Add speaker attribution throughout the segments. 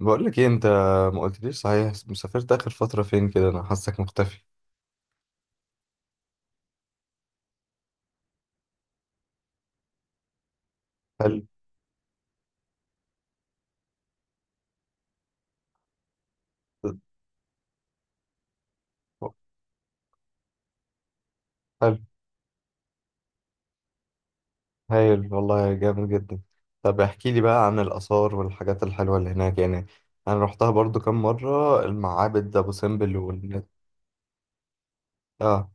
Speaker 1: بقول لك ايه انت، ما قلتليش صحيح مسافرت اخر فتره فين كده؟ انا حاسك مختفي. هل هل هايل والله، جامد جدا. طب احكي لي بقى عن الاثار والحاجات الحلوه اللي هناك يعني. انا رحتها برضو كام مره، المعابد ابو سمبل وال- اه.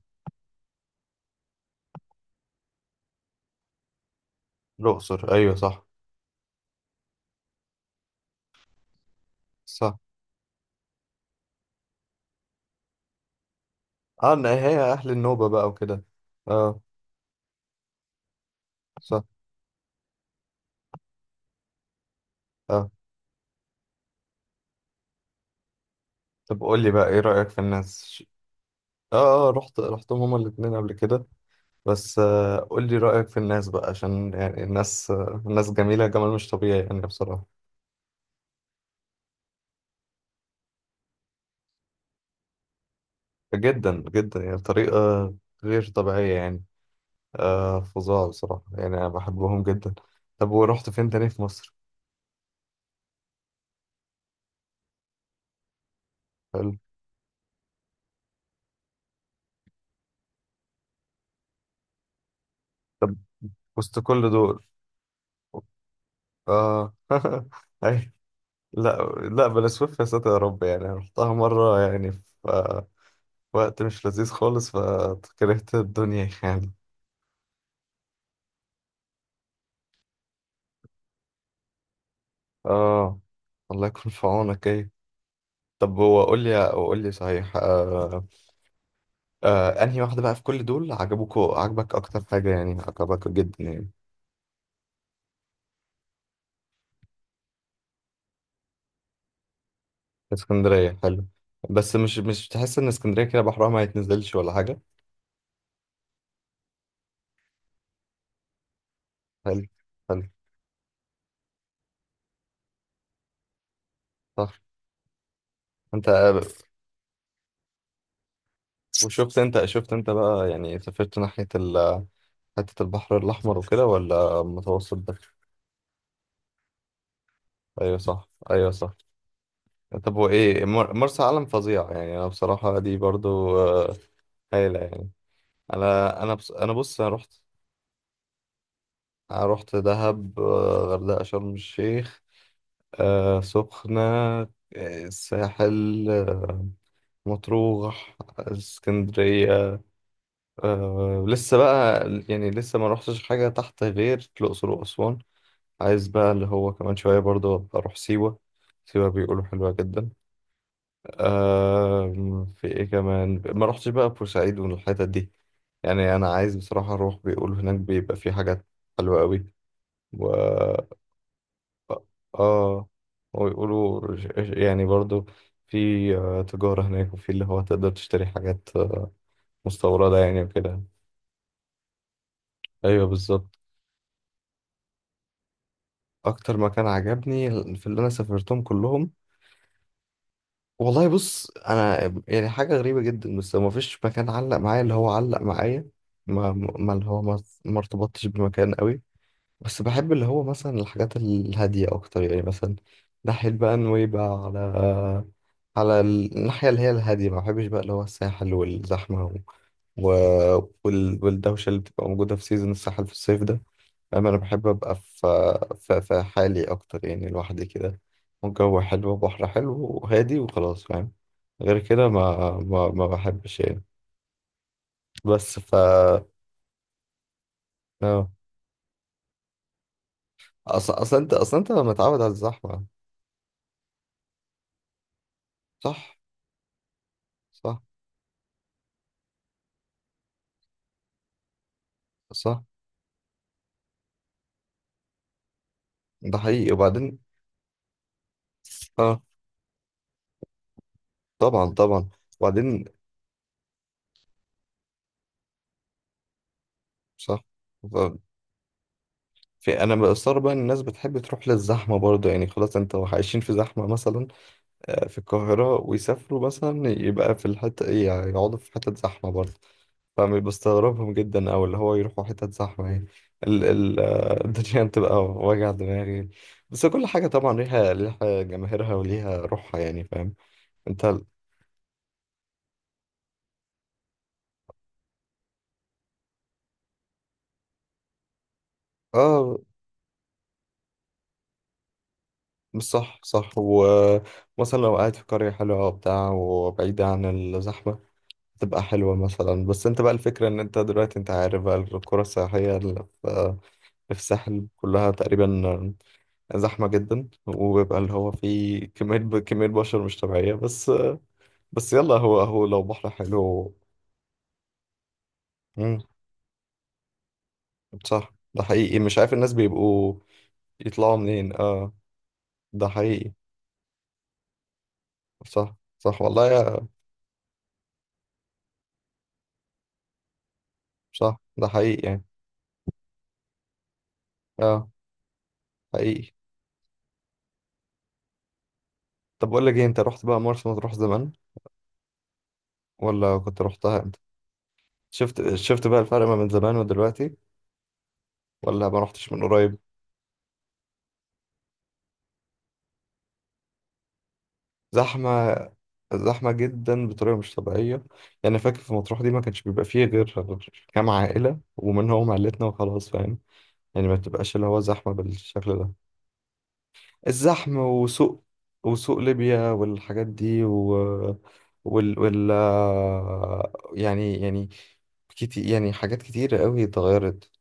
Speaker 1: الاقصر، ايوه صح. صح، اه. إن هي اهل النوبه بقى وكده. اه. صح. اه. طب قول لي بقى ايه رايك في الناس؟ اه، اه، رحتهم هما الاتنين قبل كده. بس قول لي رأيك في الناس بقى، عشان يعني الناس جميلة، جمال مش طبيعي يعني بصراحة. جدا جدا، يعني بطريقة غير طبيعية يعني. فظاع بصراحة، يعني أنا بحبهم جدا. طب ورحت فين تاني في مصر؟ حلو. طب وسط كل دول. آه أي. لا، لا بلا سويف يا ساتر يا رب، يعني رحتها مرة يعني في آه، وقت مش لذيذ خالص، فكرهت الدنيا يعني. آه، الله يكون في عونك. طب هو قول لي صحيح انهي واحدة بقى في كل دول عجبك، اكتر حاجة يعني، عجبك جدا يعني. اسكندرية، حلو. بس مش تحس ان اسكندرية كده بحرها ما يتنزلش ولا حاجة؟ حلو. حلو. صح. انت. وشفت انت بقى يعني، سافرت ناحية ال- حتة البحر الأحمر وكده، ولا متوسط بس؟ ايوه صح، ايوه صح. طب هو ايه، مر- مرسى علم فظيع يعني، انا بصراحة دي برضو هايلة يعني. انا بص انا رحت. أنا رحت دهب، غردقة، شرم الشيخ، سخنة، الساحل، مطروح، اسكندرية، لسه بقى، يعني لسه ما روحتش حاجة تحت غير الأقصر وأسوان. عايز بقى اللي هو كمان شوية برضه أبقى أروح سيوة، سيوة بيقولوا حلوة جدا. في إيه كمان، ما روحتش بقى بورسعيد والحتت دي. يعني أنا عايز بصراحة أروح، بيقولوا هناك بيبقى في حاجات حلوة أوي. اه. ويقولوا ج- يعني برضو في تجارة هناك، وفي اللي هو تقدر تشتري حاجات مستوردة يعني وكده. ايوه بالظبط. اكتر مكان عجبني في اللي انا سافرتهم كلهم، والله بص، انا يعني حاجة غريبة جدا، بس ما فيش مكان علق معايا، اللي هو علق معايا، ما ما اللي هو ما ما ارتبطتش بمكان قوي. بس بحب اللي هو مثلا الحاجات الهادية أكتر يعني، مثلا ناحية بقى نويبع، على الناحية اللي هي الهادية. ما بحبش بقى اللي هو الساحل والزحمة والدوشة اللي بتبقى موجودة في سيزون الساحل في الصيف ده، فاهم. أنا بحب أبقى في في حالي أكتر، يعني لوحدي كده. والجو حلو وبحر حلو وهادي وخلاص، فاهم. غير كده ما بحبش يعني. بس ف-. أصلا أنت متعود على الزحمة. صح، صح، صح، ده حقيقي وبعدين. اه. طبعا، طبعا. وبعدين. صح. ف-، في، انا بستغرب بقى إن الناس بتحب تروح للزحمه برضه، يعني خلاص انت عايشين في زحمه مثلا في القاهره، ويسافروا مثلا يبقى في الحته إيه، يعني يقعدوا في حته زحمه برضه. فبستغربهم جدا، او اللي هو يروحوا حتت زحمه يعني. ال ال آه، الدنيا بتبقى وجع دماغي. بس كل حاجه طبعا ليها جماهيرها وليها روحها يعني، فاهم. انت. اه. مش، صح صح، ومثلا لو قاعد في قرية حلوة وبتاع وبعيدة عن الزحمة، تبقى حلوة مثلا، بس انت بقى الفكرة ان انت دلوقتي، انت عارف بقى القرى السياحية اللي في الساحل كلها تقريبا زحمة جدا، وبيبقى اللي هو فيه كمية كمية بشر مش طبيعية. بس، يلا، هو لو بحر حلو. مم. صح ده حقيقي، مش عارف الناس بيبقوا يطلعوا منين. اه. ده حقيقي. صح صح والله يا. صح ده حقيقي يعني. اه. حقيقي. طب بقول لك ايه، انت رحت بقى مرسى مطروح زمان، ولا كنت رحتها امتى؟ شفت بقى الفرق ما بين زمان ودلوقتي؟ ولا ما رحتش من قريب؟ زحمة، زحمة جدا بطريقة مش طبيعية. يعني فاكر في مطروح دي ما كانش بيبقى فيه غير كام عائلة، ومنهم عائلتنا وخلاص فاهم. يعني ما بتبقاش اللي هو زحمة بالشكل ده. الزحمة وسوق. وسوق ليبيا والحاجات دي، و وال وال يعني كتير، يعني حاجات كتيرة قوي اتغيرت.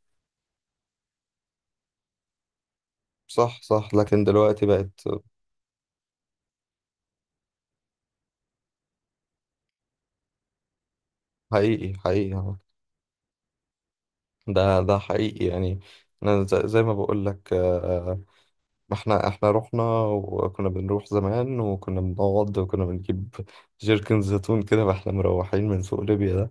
Speaker 1: صح صح، لكن دلوقتي بقت. حقيقي حقيقي. ده حقيقي يعني. انا ز- زي ما بقول لك، احنا رحنا، وكنا بنروح زمان، وكنا بنقعد وكنا بنجيب جيركن زيتون كده، واحنا مروحين من سوق ليبيا ده،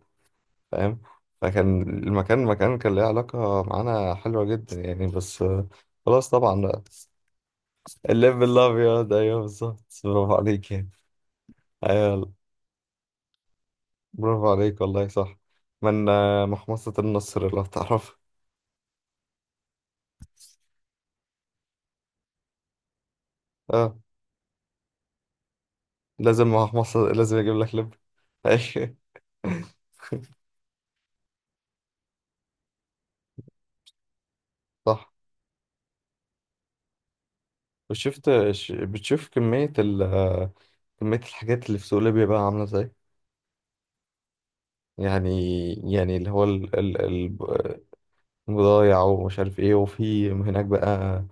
Speaker 1: فاهم. فكان المكان، مكان كان ليه علاقة معانا حلوة جدا يعني، بس خلاص طبعا بقى. الليف الابيض، ايوه بالظبط، برافو عليك يعني. ايوه. برافو عليك والله، صح. من محمصة النصر لو تعرف. اه، لازم، ما مصر لازم اجيب لك لب. أيوة. صح. وشفت ش- بتشوف كمية كمية الحاجات اللي في سوق ليبيا بقى عاملة ازاي، يعني؟ اللي هو ال- ال- ال- البضايع، ومش عارف ايه، وفي هناك بقى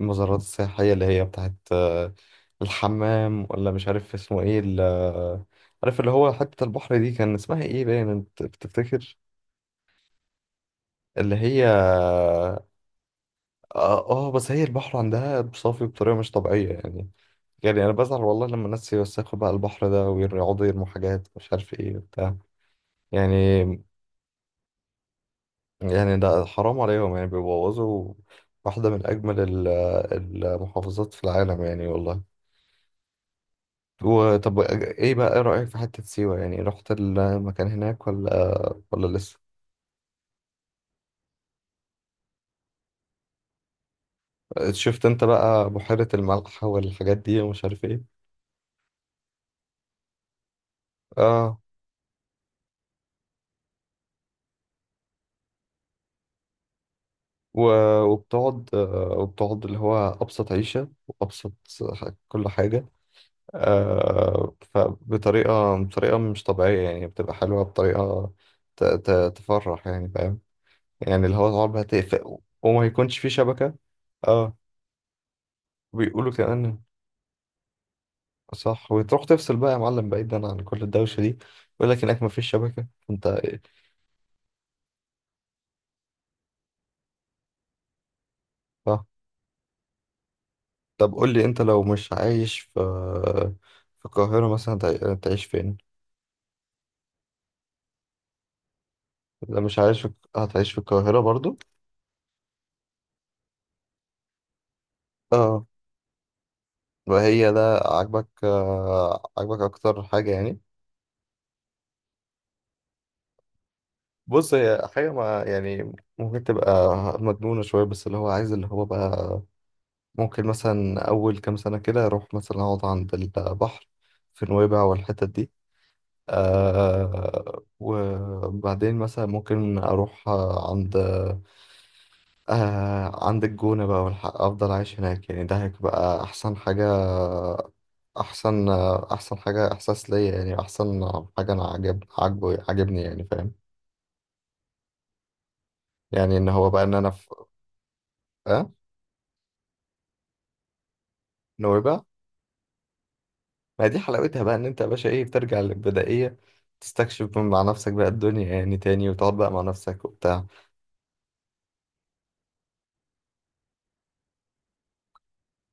Speaker 1: المزارات السياحية اللي هي بتاعت الحمام، ولا مش عارف اسمه ايه، ال- عارف اللي هو حتة البحر دي كان اسمها ايه باين، انت بتفتكر؟ اللي هي اه آه، بس هي البحر عندها صافي بطريقة مش طبيعية يعني. يعني انا بزعل والله لما الناس يوسخوا بقى البحر ده، ويقعدوا يرموا حاجات مش عارف ايه وبتاع يعني. يعني ده حرام عليهم يعني، بيبوظوا واحدة من اجمل ال- المحافظات في العالم يعني والله. وطب ايه بقى، ايه رأيك في حتة سيوة، يعني رحت المكان هناك، ولا لسه؟ شفت انت بقى بحيرة الملح والحاجات دي، ومش عارف ايه. اه. و- وبتقعد اللي هو أبسط عيشة وأبسط ح- كل حاجة، فبطريقة مش طبيعية يعني، بتبقى حلوة بطريقة ت- ت- تفرح يعني، فاهم. يعني اللي هو صعب هتقفل وما يكونش في شبكة. اه. بيقولوا كمان. صح. وتروح تفصل بقى يا معلم، بعيدا عن كل الدوشة دي، يقول لك هناك مفيش شبكة انت إيه؟ صح. طب قول لي انت، لو مش عايش في القاهرة مثلا، تع- تعيش فين؟ لا مش عايش في. هتعيش في القاهرة برضو؟ اه. وهي ده عاجبك، أكتر حاجة يعني؟ بص، هي حاجة ما يعني، ممكن تبقى مجنونة شوية، بس اللي هو عايز اللي هو بقى، ممكن مثلا أول كام سنة كده أروح مثلا أقعد عند البحر في نويبع والحتت دي. وبعدين مثلا ممكن أروح عند، عندك جونة بقى، والحق أفضل عايش هناك يعني، ده هيبقى أحسن حاجة. أحسن أحسن حاجة، إحساس ليا يعني، أحسن حاجة أنا عجبني يعني، فاهم. يعني إن هو بقى، إن أنا في. أه. نويبع. ما دي حلاوتها بقى، إن أنت يا باشا إيه، بترجع للبدائية، تستكشف مع نفسك بقى الدنيا يعني تاني، وتقعد بقى مع نفسك وبتاع.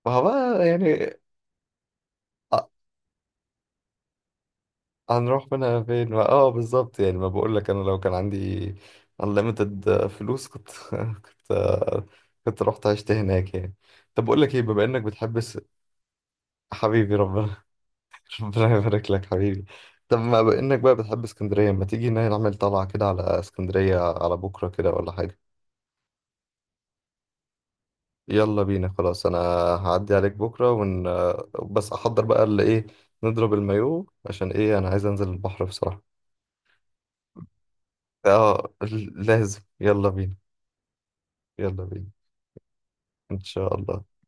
Speaker 1: فهو بقى يعني آه، هنروح منها فين ما- اه، بالظبط يعني. ما بقول لك انا لو كان عندي unlimited فلوس، كنت كنت كنت رحت عشت هناك يعني. طب بقول لك ايه، بما انك بتحب اس-. حبيبي ربنا. ربنا يبارك لك حبيبي. طب ما بما انك بقى بتحب اسكندريه، ما تيجي نعمل طلعه كده على اسكندريه على بكره كده، ولا حاجه؟ يلا بينا خلاص، انا هعدي عليك بكره، ون-. بس احضر بقى اللي ايه، نضرب المايو، عشان ايه انا عايز انزل البحر بصراحه. اه، لازم. يلا بينا. يلا بينا إن شاء الله.